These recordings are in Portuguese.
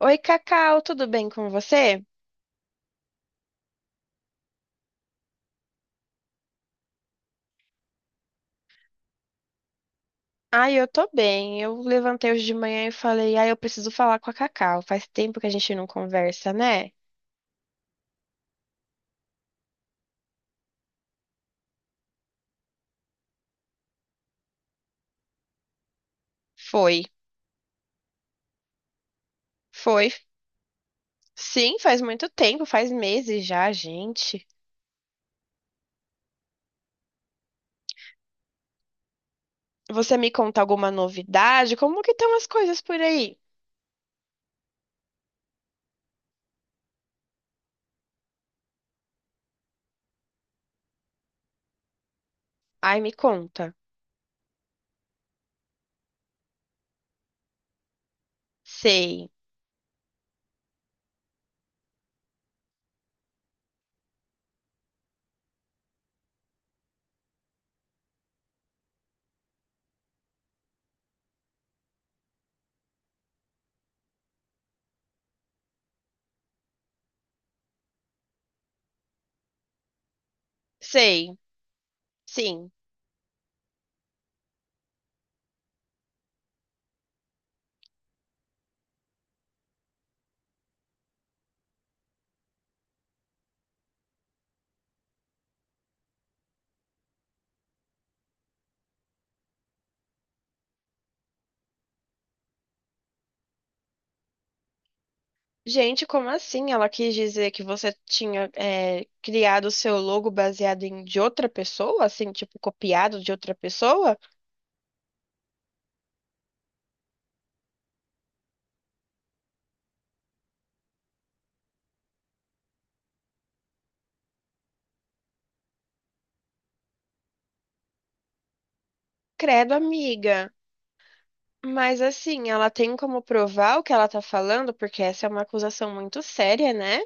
Oi, Cacau, tudo bem com você? Ai, eu tô bem. Eu levantei hoje de manhã e falei, ai, eu preciso falar com a Cacau. Faz tempo que a gente não conversa, né? Foi, foi. Sim, faz muito tempo, faz meses já, gente. Você me conta alguma novidade? Como que estão as coisas por aí? Ai, me conta. Sei, sei, sim. Gente, como assim? Ela quis dizer que você tinha criado o seu logo baseado em de outra pessoa, assim, tipo, copiado de outra pessoa? Credo, amiga. Mas assim, ela tem como provar o que ela tá falando, porque essa é uma acusação muito séria, né?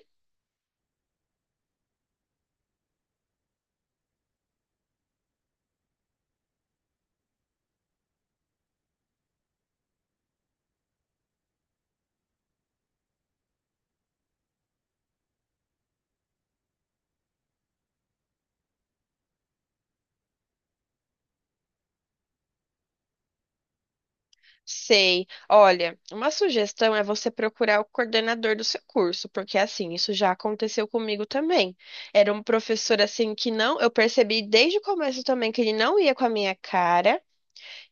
Sei. Olha, uma sugestão é você procurar o coordenador do seu curso, porque assim, isso já aconteceu comigo também. Era um professor assim que não, eu percebi desde o começo também que ele não ia com a minha cara,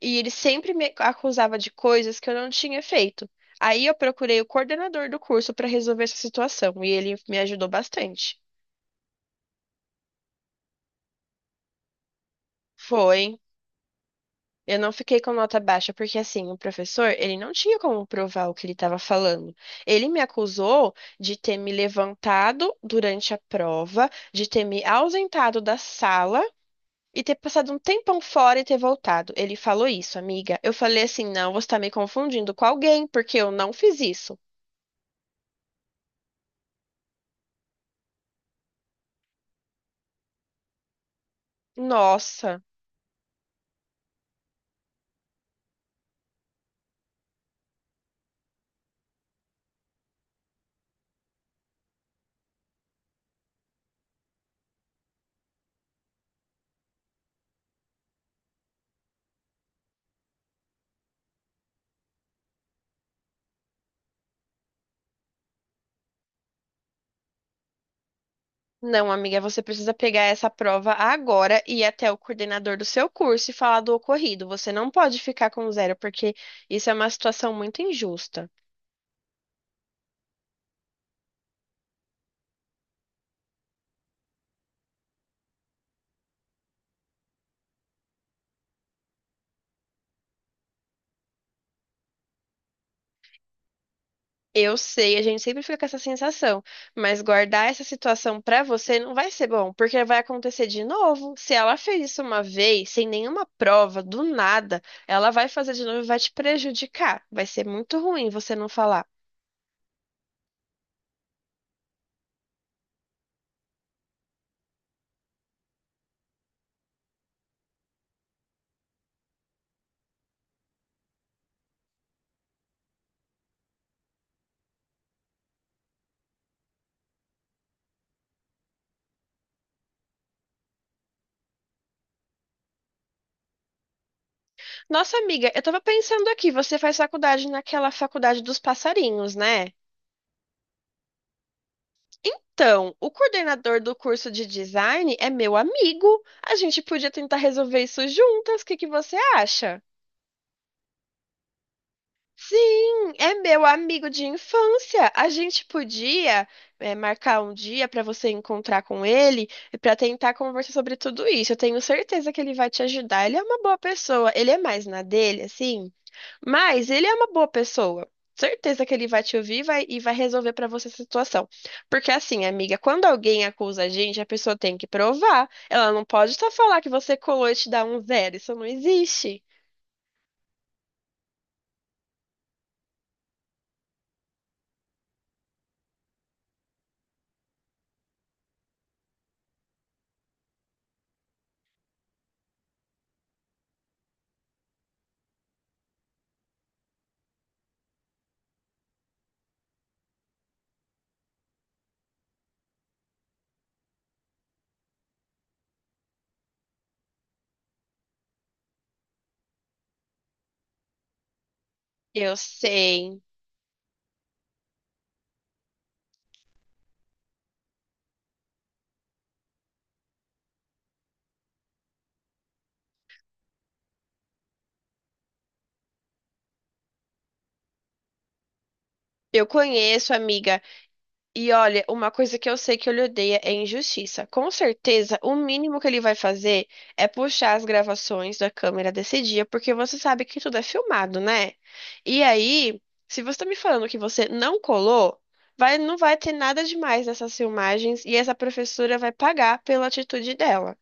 e ele sempre me acusava de coisas que eu não tinha feito. Aí eu procurei o coordenador do curso para resolver essa situação, e ele me ajudou bastante. Foi. Eu não fiquei com nota baixa, porque assim, o professor, ele não tinha como provar o que ele estava falando. Ele me acusou de ter me levantado durante a prova, de ter me ausentado da sala e ter passado um tempão fora e ter voltado. Ele falou isso, amiga. Eu falei assim: não, você está me confundindo com alguém, porque eu não fiz isso. Nossa. Não, amiga, você precisa pegar essa prova agora e ir até o coordenador do seu curso e falar do ocorrido. Você não pode ficar com zero, porque isso é uma situação muito injusta. Eu sei, a gente sempre fica com essa sensação, mas guardar essa situação pra você não vai ser bom, porque vai acontecer de novo. Se ela fez isso uma vez, sem nenhuma prova, do nada, ela vai fazer de novo e vai te prejudicar. Vai ser muito ruim você não falar. Nossa, amiga, eu tava pensando aqui, você faz faculdade naquela faculdade dos passarinhos, né? Então, o coordenador do curso de design é meu amigo. A gente podia tentar resolver isso juntas. O que que você acha? Sim, é meu amigo de infância. A gente podia, marcar um dia para você encontrar com ele e para tentar conversar sobre tudo isso. Eu tenho certeza que ele vai te ajudar. Ele é uma boa pessoa. Ele é mais na dele, assim, mas ele é uma boa pessoa. Certeza que ele vai te ouvir e vai resolver para você essa situação. Porque assim, amiga, quando alguém acusa a gente, a pessoa tem que provar. Ela não pode só falar que você colou e te dá um zero. Isso não existe. Eu sei. Eu conheço, amiga. E olha, uma coisa que eu sei que ele odeia é injustiça. Com certeza, o mínimo que ele vai fazer é puxar as gravações da câmera desse dia, porque você sabe que tudo é filmado, né? E aí, se você tá me falando que você não colou, não vai ter nada demais nessas filmagens e essa professora vai pagar pela atitude dela.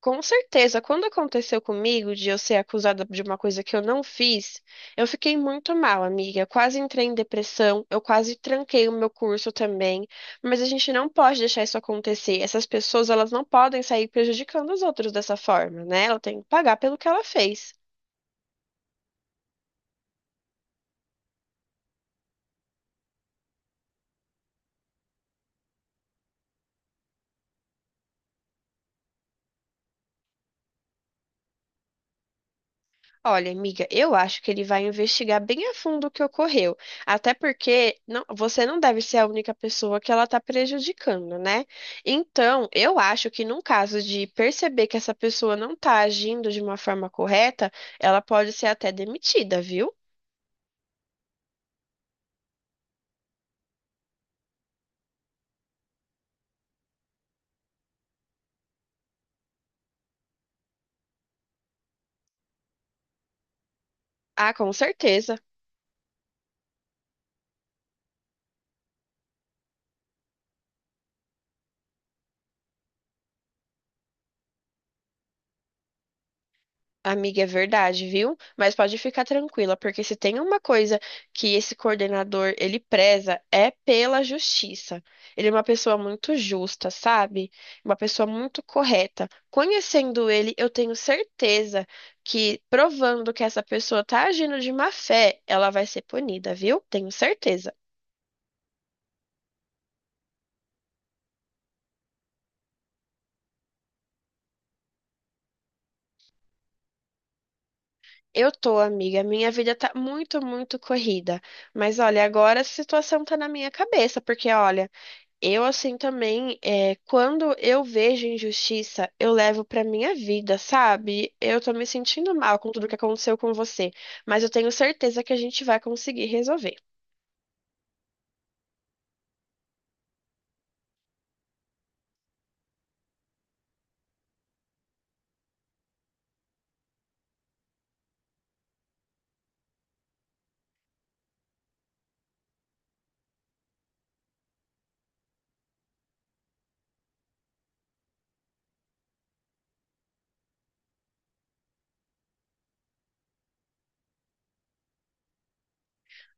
Com certeza, quando aconteceu comigo de eu ser acusada de uma coisa que eu não fiz, eu fiquei muito mal, amiga. Eu quase entrei em depressão, eu quase tranquei o meu curso também. Mas a gente não pode deixar isso acontecer. Essas pessoas, elas não podem sair prejudicando os outros dessa forma, né? Ela tem que pagar pelo que ela fez. Olha, amiga, eu acho que ele vai investigar bem a fundo o que ocorreu, até porque você não deve ser a única pessoa que ela está prejudicando, né? Então, eu acho que num caso de perceber que essa pessoa não está agindo de uma forma correta, ela pode ser até demitida, viu? Ah, com certeza. Amiga, é verdade, viu? Mas pode ficar tranquila, porque se tem uma coisa que esse coordenador ele preza é pela justiça. Ele é uma pessoa muito justa, sabe? Uma pessoa muito correta. Conhecendo ele, eu tenho certeza que provando que essa pessoa tá agindo de má fé, ela vai ser punida, viu? Tenho certeza. Eu tô, amiga, minha vida tá muito, muito corrida. Mas olha, agora a situação tá na minha cabeça, porque olha, eu, assim, também, quando eu vejo injustiça, eu levo pra minha vida, sabe? Eu tô me sentindo mal com tudo que aconteceu com você, mas eu tenho certeza que a gente vai conseguir resolver.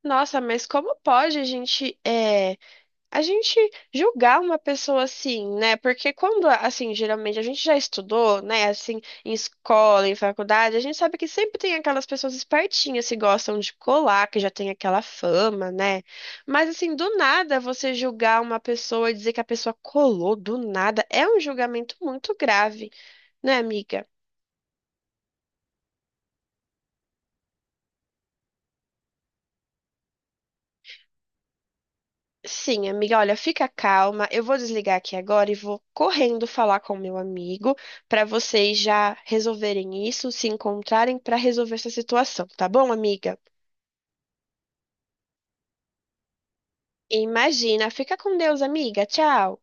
Nossa, mas como pode a gente julgar uma pessoa assim, né? Porque quando, assim, geralmente a gente já estudou, né? Assim, em escola, em faculdade, a gente sabe que sempre tem aquelas pessoas espertinhas que gostam de colar, que já tem aquela fama, né? Mas, assim, do nada você julgar uma pessoa e dizer que a pessoa colou do nada é um julgamento muito grave, né, amiga? Sim, amiga, olha, fica calma. Eu vou desligar aqui agora e vou correndo falar com o meu amigo para vocês já resolverem isso, se encontrarem para resolver essa situação, tá bom, amiga? Imagina, fica com Deus, amiga. Tchau.